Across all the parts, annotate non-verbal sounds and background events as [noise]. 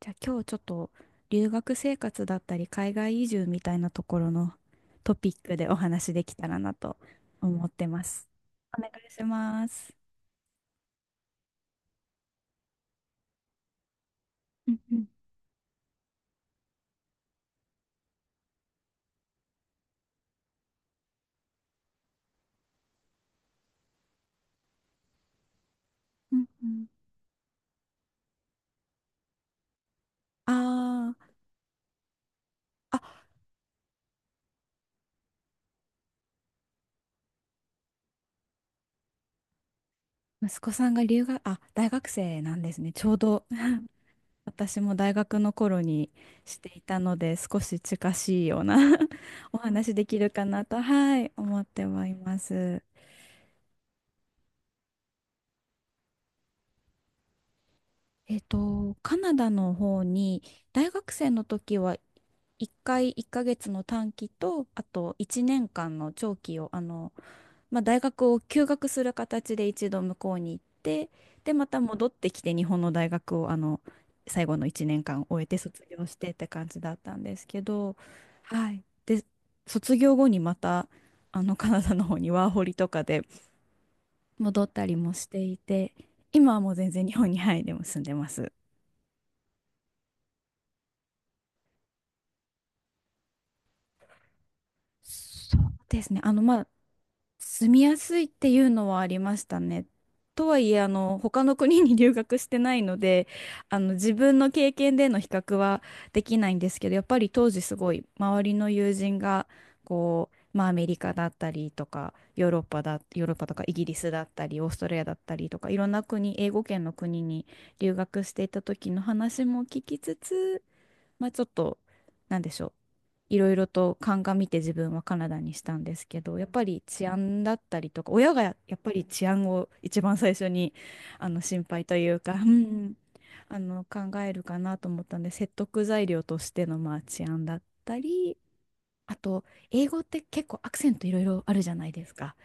じゃあ今日ちょっと留学生活だったり海外移住みたいなところのトピックでお話できたらなと思ってます。お願いします。うん、うん、うん、うん、あー、あ、息子さんが留学、あ、大学生なんですね。ちょうど私も大学の頃にしていたので少し近しいような [laughs] お話できるかなと、はい、思ってはいます。カナダの方に大学生の時は1回1ヶ月の短期とあと1年間の長期をまあ、大学を休学する形で一度向こうに行って、で、また戻ってきて日本の大学を最後の1年間終えて卒業してって感じだったんですけど、はい、で、卒業後にまたカナダの方にワーホリとかで戻ったりもしていて、今はもう全然日本に、はい、でも住んでます。そうですね。まあ、住みやすいっていうのはありましたね。とはいえ、他の国に留学してないので、自分の経験での比較はできないんですけど、やっぱり当時すごい周りの友人が、こう、まあ、アメリカだったりとか、ヨーロッパとかイギリスだったり、オーストラリアだったりとか、いろんな国、英語圏の国に留学していた時の話も聞きつつ、まあ、ちょっと、なんでしょう。いろいろと鑑みて自分はカナダにしたんですけど、やっぱり治安だったりとか、親がやっぱり治安を一番最初に心配というか、[laughs] 考えるかなと思ったんで、説得材料としての、まあ、治安だったり、あと英語って結構アクセントいろいろあるじゃないですか。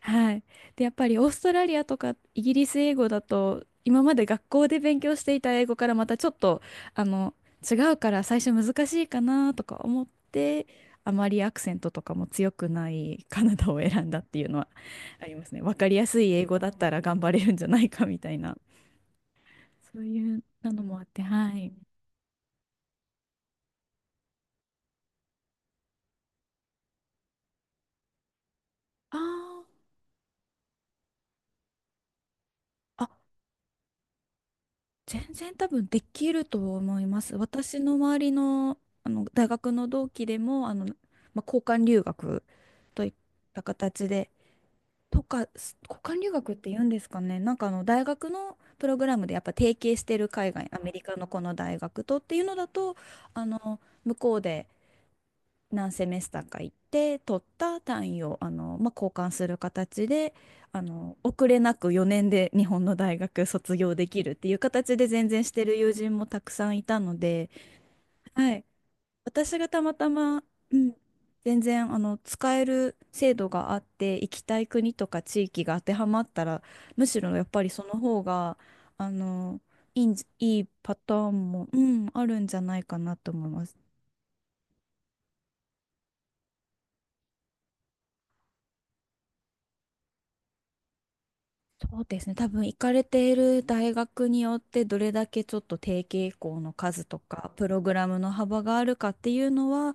はい。で、やっぱりオーストラリアとかイギリス英語だと、今まで学校で勉強していた英語からまたちょっと、あの、違うから最初難しいかなとか思って、あまりアクセントとかも強くないカナダを選んだっていうのはありますね。わかりやすい英語だったら頑張れるんじゃないかみたいな、そういうなのもあって、はい。あー、あ、全然多分できると思います。私の周りの、大学の同期でもまあ、交換留学といった形でとか交換留学って言うんですかね。なんか大学のプログラムでやっぱ提携してる海外アメリカのこの大学とっていうのだと、向こうで何セメスターか行って取った単位をまあ、交換する形で遅れなく4年で日本の大学卒業できるっていう形で全然してる友人もたくさんいたので、はい、私がたまたま、うん、全然使える制度があって行きたい国とか地域が当てはまったら、むしろやっぱりその方があのいいんじ、いいパターンも、あるんじゃないかなと思います。そうですね。多分行かれている大学によってどれだけちょっと提携校の数とかプログラムの幅があるかっていうのは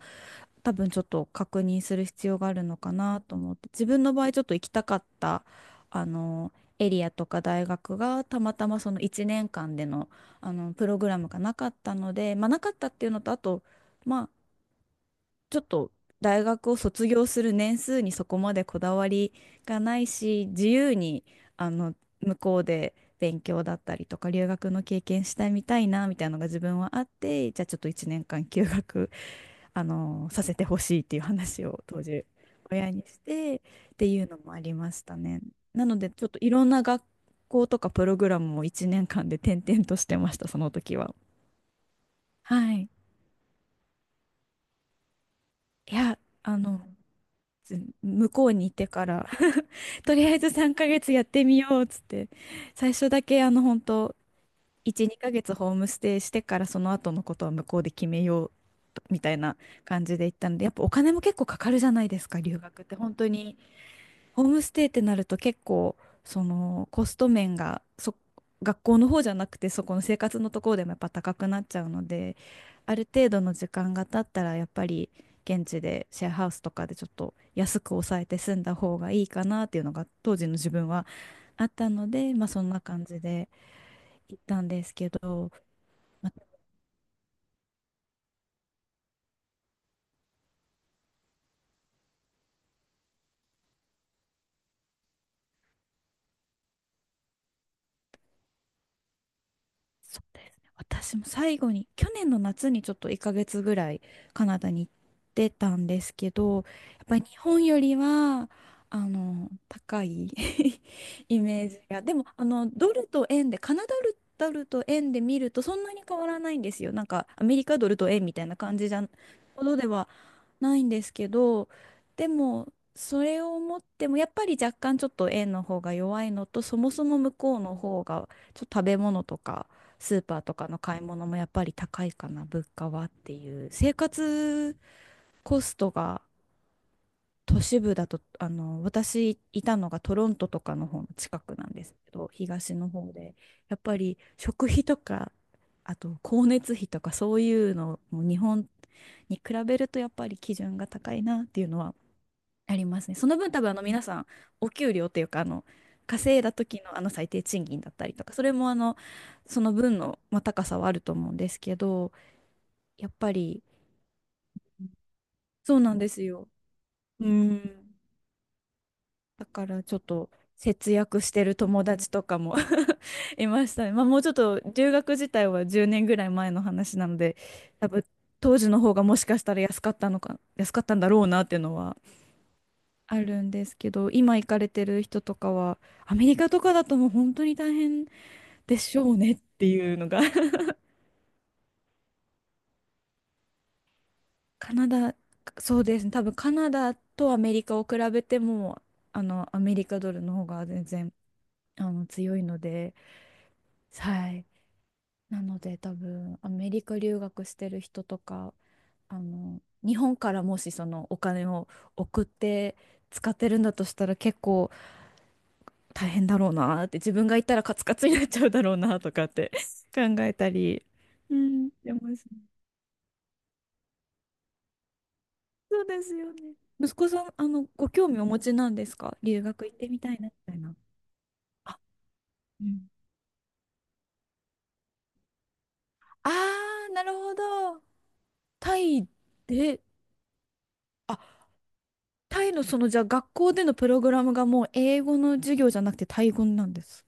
多分ちょっと確認する必要があるのかなと思って、自分の場合ちょっと行きたかったあのエリアとか大学がたまたまその1年間での、プログラムがなかったのでまあなかったっていうのと、あと、まちょっと大学を卒業する年数にそこまでこだわりがないし、自由にあの向こうで勉強だったりとか留学の経験したいみたいなのが自分はあって、じゃあちょっと1年間休学、させてほしいっていう話を当時親にしてっていうのもありましたね。なのでちょっといろんな学校とかプログラムを1年間で転々としてました、その時は。はい。いや、ず向こうにいてから [laughs] とりあえず3ヶ月やってみようっつって、最初だけ本当1、2ヶ月ホームステイしてからその後のことは向こうで決めようみたいな感じで行ったので、やっぱお金も結構かかるじゃないですか、留学って本当に。ホームステイってなると結構そのコスト面が学校の方じゃなくてそこの生活のところでもやっぱ高くなっちゃうので、ある程度の時間が経ったらやっぱり現地でシェアハウスとかでちょっと安く抑えて住んだ方がいいかなっていうのが当時の自分はあったので、まあ、そんな感じで行ったんですけど、まあ、そうですね。私も最後に、去年の夏にちょっと1ヶ月ぐらいカナダに行ってたんですけど、やっぱり日本よりは、高い [laughs] イメージが。でも、ドルと円で、カナダル、ドルと円で見るとそんなに変わらないんですよ。なんか、アメリカドルと円みたいな感じじゃ、ほどではないんですけど、でも、それを思っても、やっぱり若干ちょっと円の方が弱いのと、そもそも向こうの方が、ちょっと食べ物とか、スーパーとかの買い物もやっぱり高いかな、物価はっていう。生活コストが都市部だと、私いたのがトロントとかの方の近くなんですけど、東の方で、やっぱり食費とか、あと光熱費とかそういうのも日本に比べるとやっぱり基準が高いなっていうのはありますね。その分多分皆さんお給料というか稼いだ時の最低賃金だったりとか、それもその分の、まあ、高さはあると思うんですけど、やっぱりそうなんですよ。うん。だからちょっと節約してる友達とかも [laughs] いましたね。まあ、もうちょっと留学自体は10年ぐらい前の話なので、多分当時の方がもしかしたら安かったんだろうなっていうのはあるんですけど、今行かれてる人とかは、アメリカとかだともう本当に大変でしょうねっていうのが [laughs] カナダ、そうですね、多分カナダとアメリカを比べても、アメリカドルの方が全然、強いので、はい。なので多分、アメリカ留学してる人とか、日本からもしそのお金を送って使ってるんだとしたら結構、大変だろうなーって自分が行ったらカツカツになっちゃうだろうなーとかって [laughs] 考えたり、うん、でも、そうですよね。息子さん、ご興味お持ちなんですか、留学行ってみたいなみたいな。あ、うん、あー、なるほど。タイで、あ、タイのその、じゃあ学校でのプログラムがもう英語の授業じゃなくてタイ語なんです。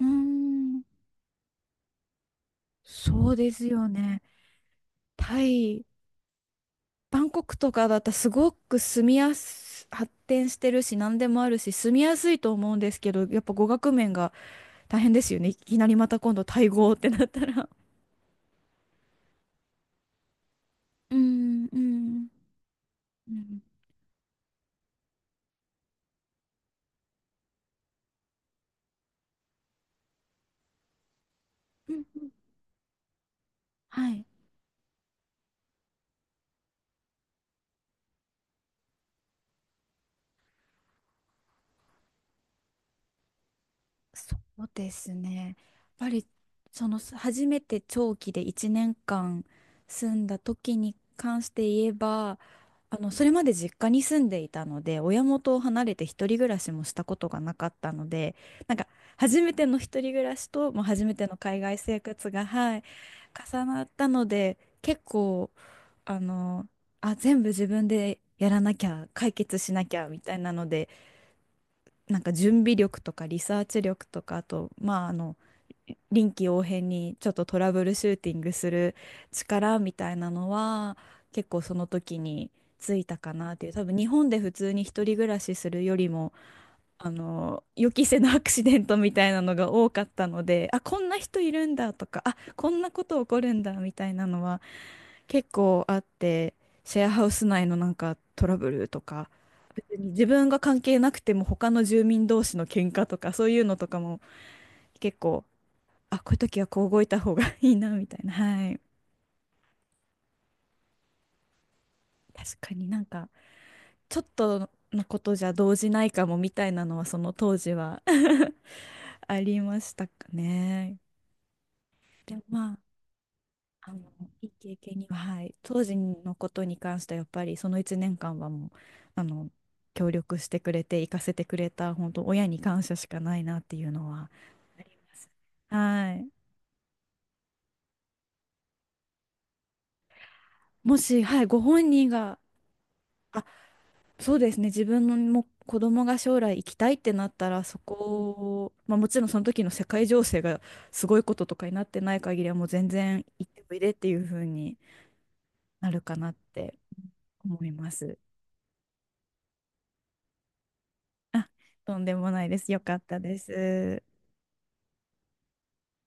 うーん、そうですよね。タイ、バンコクとかだったらすごく住みやす、発展してるし何でもあるし住みやすいと思うんですけど、やっぱ語学面が大変ですよね。いきなりまた今度タイ語ってなったら。うん、うん、うん、うん、うん、はい。そうですね。やっぱりそのす初めて長期で1年間住んだ時に関して言えば、それまで実家に住んでいたので、親元を離れて一人暮らしもしたことがなかったので、なんか初めての一人暮らしと、もう初めての海外生活が、はい、重なったので、結構あの、あ、全部自分でやらなきゃ、解決しなきゃみたいなので。なんか準備力とかリサーチ力とか、あと、まあ、臨機応変にちょっとトラブルシューティングする力みたいなのは結構その時についたかなっていう、多分日本で普通に一人暮らしするよりも予期せぬアクシデントみたいなのが多かったので、あ、こんな人いるんだとか、あ、こんなこと起こるんだみたいなのは結構あって、シェアハウス内のなんかトラブルとか、別に自分が関係なくても他の住民同士の喧嘩とかそういうのとかも結構、あ、こういう時はこう動いた方がいいなみたいな、はい、確かになんかちょっとのことじゃ動じないかもみたいなのはその当時は [laughs] ありましたかね。でも、まあ、あの、いい経験には、はい、当時のことに関してはやっぱりその1年間はもう、あの、協力してくれて、行かせてくれた、本当親に感謝しかないなっていうのは。はい。もし、はい、ご本人が、あ、そうですね、自分のも子供が将来行きたいってなったら、そこを、まあ、もちろんその時の世界情勢がすごいこととかになってない限りは、もう全然行っておいでっていう風になるかなって思います。とんでもないです。よかったです。